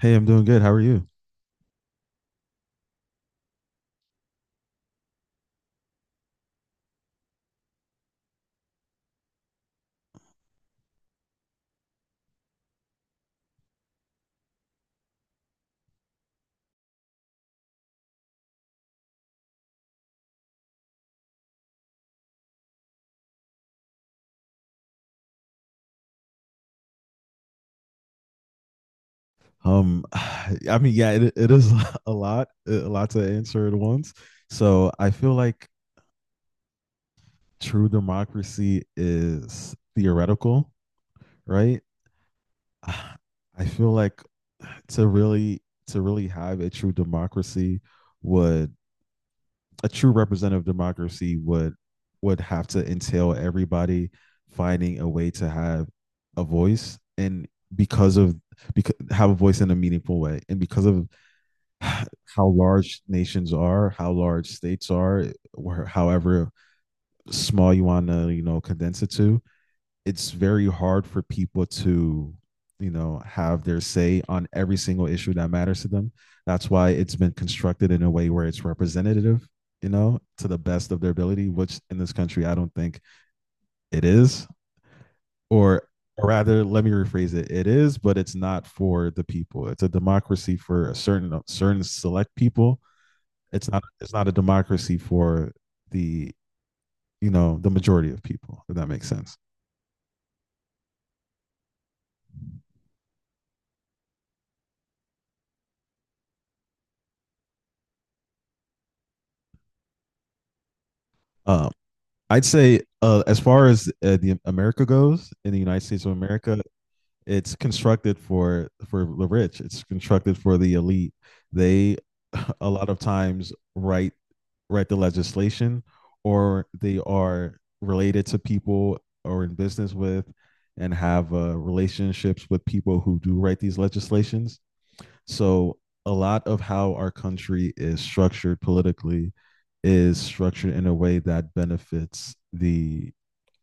Hey, I'm doing good. How are you? I mean, Yeah, it is a lot to answer at once. So I feel like true democracy is theoretical, right? I feel like to really have a true democracy would a true representative democracy would have to entail everybody finding a way to have a voice and because of because have a voice in a meaningful way and because of how large nations are, how large states are, or however small you want to, you know, condense it to, it's very hard for people to, you know, have their say on every single issue that matters to them. That's why it's been constructed in a way where it's representative, you know, to the best of their ability, which in this country I don't think it is. Or or rather, let me rephrase it, it is, but it's not for the people. It's a democracy for a certain select people. It's not a democracy for the, you know, the majority of people. If that makes sense. Um, I'd say as far as the America goes, in the United States of America, it's constructed for the rich. It's constructed for the elite. They a lot of times write write the legislation, or they are related to people or in business with, and have relationships with people who do write these legislations. So a lot of how our country is structured politically is structured in a way that benefits the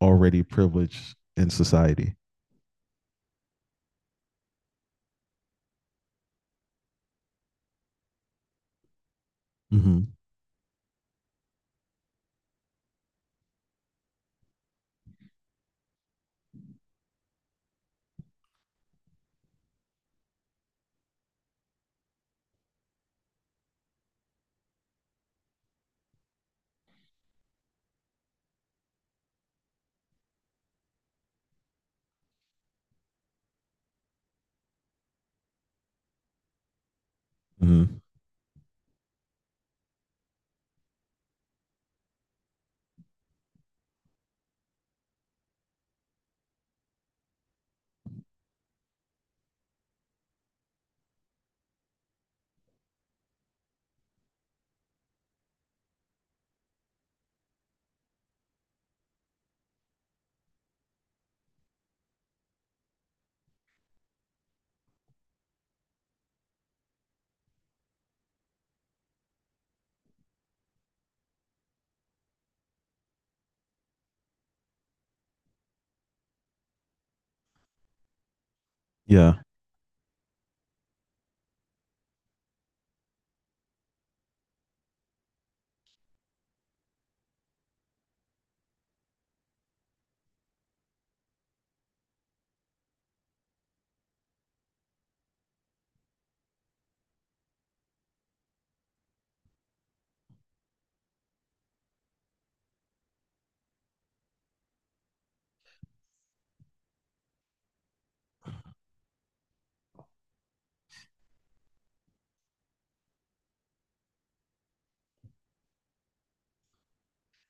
already privileged in society. Mm-hmm. Mm-hmm. Yeah.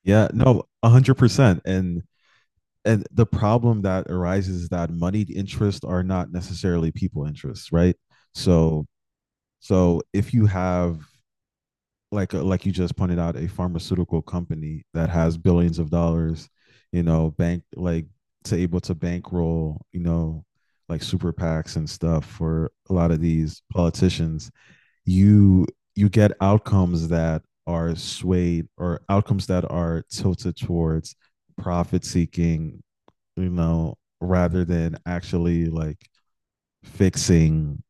Yeah. No, 100%. And the problem that arises is that moneyed interests are not necessarily people interests, right? So so if you have like you just pointed out, a pharmaceutical company that has billions of dollars, you know, bank like to able to bankroll, you know, like super PACs and stuff for a lot of these politicians, you you get outcomes that are swayed or outcomes that are tilted towards profit seeking, you know, rather than actually like fixing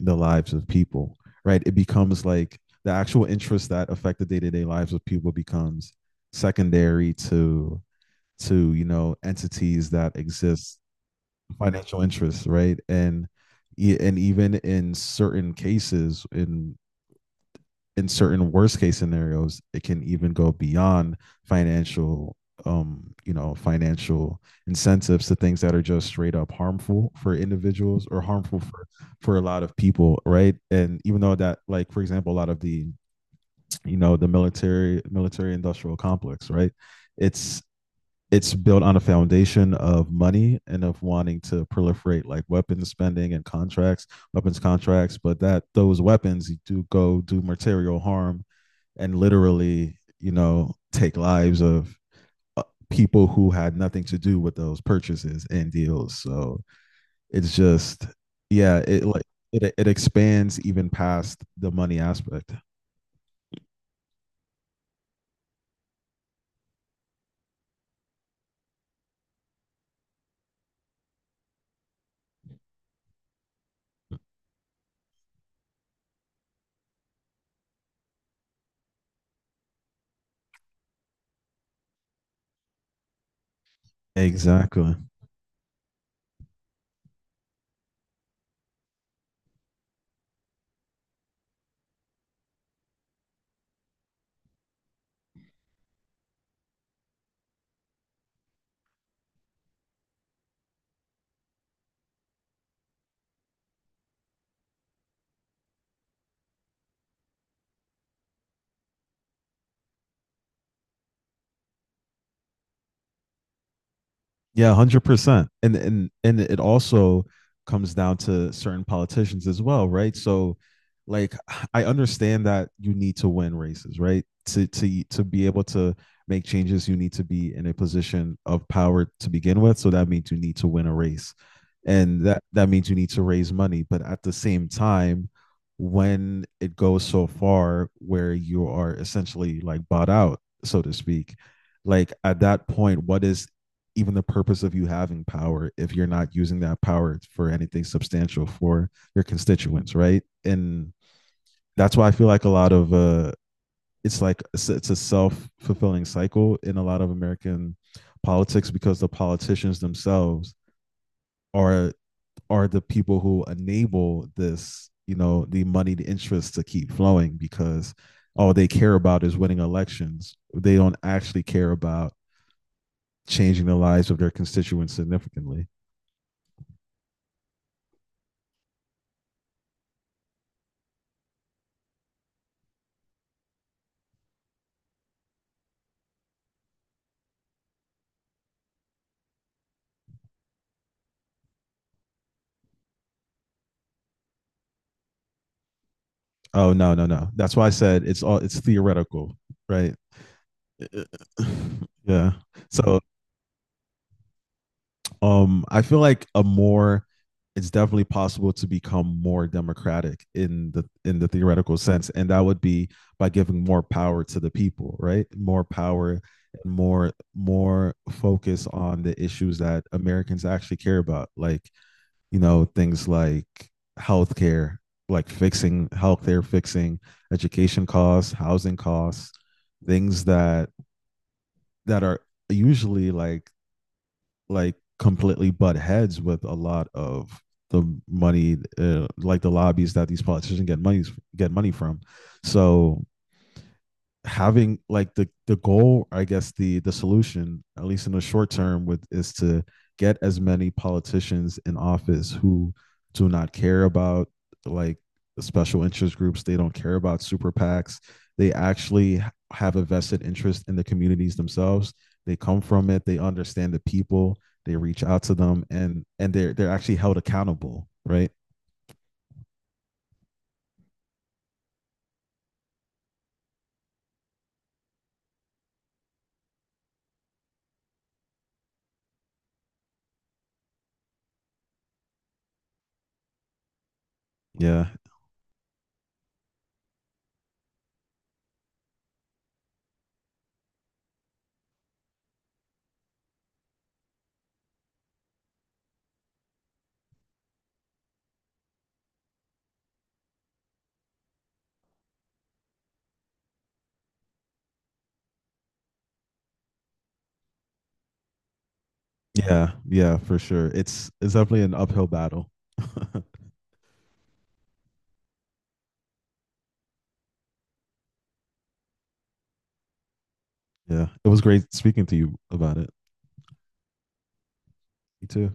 the lives of people, right? It becomes like the actual interests that affect the day-to-day lives of people becomes secondary to you know entities that exist financial interests right and and even in certain cases in certain worst case scenarios, it can even go beyond financial, you know, financial incentives to things that are just straight up harmful for individuals or harmful for a lot of people, right? And even though that, like for example, a lot of the you know the military industrial complex, right? It's it's built on a foundation of money and of wanting to proliferate like weapons spending and contracts, weapons contracts, but that those weapons do go do material harm and literally, you know, take lives of uh, people who had nothing to do with those purchases and deals. So it's just, yeah, it like it expands even past the money aspect. Exactly. Yeah, 100%. And it also comes down to certain politicians as well, right? So like I understand that you need to win races, right? To to be able to make changes, you need to be in a position of power to begin with. So that means you need to win a race. And that means you need to raise money. But at the same time, when it goes so far where you are essentially like bought out, so to speak, like at that point, what is even the purpose of you having power if you're not using that power for anything substantial for your constituents, right? And that's why I feel like a lot of it's like it's a self fulfilling cycle in a lot of American politics because the politicians themselves are are the people who enable this, you know, the moneyed interests to keep flowing because all they care about is winning elections. They don't actually care about changing the lives of their constituents significantly. Oh no, no, no. That's why I said it's all it's theoretical, right? Yeah. So I feel like a more it's definitely possible to become more democratic in the theoretical sense, and that would be by giving more power to the people, right? More power more focus on the issues that Americans actually care about, like you know things like healthcare, like fixing healthcare, fixing education costs, housing costs, things that that are usually like completely butt heads with a lot of the money, like the lobbies that these politicians get money from. So having like the goal, I guess, the solution at least in the short term with is to get as many politicians in office who do not care about like special interest groups. They don't care about super pacs. They actually have a vested interest in the communities themselves. They come from it. They understand the people. They reach out to them, and and they're actually held accountable, right? Yeah, yeah, yeah, for sure. It's definitely an uphill battle. Yeah, it was great speaking to you about it. Me too.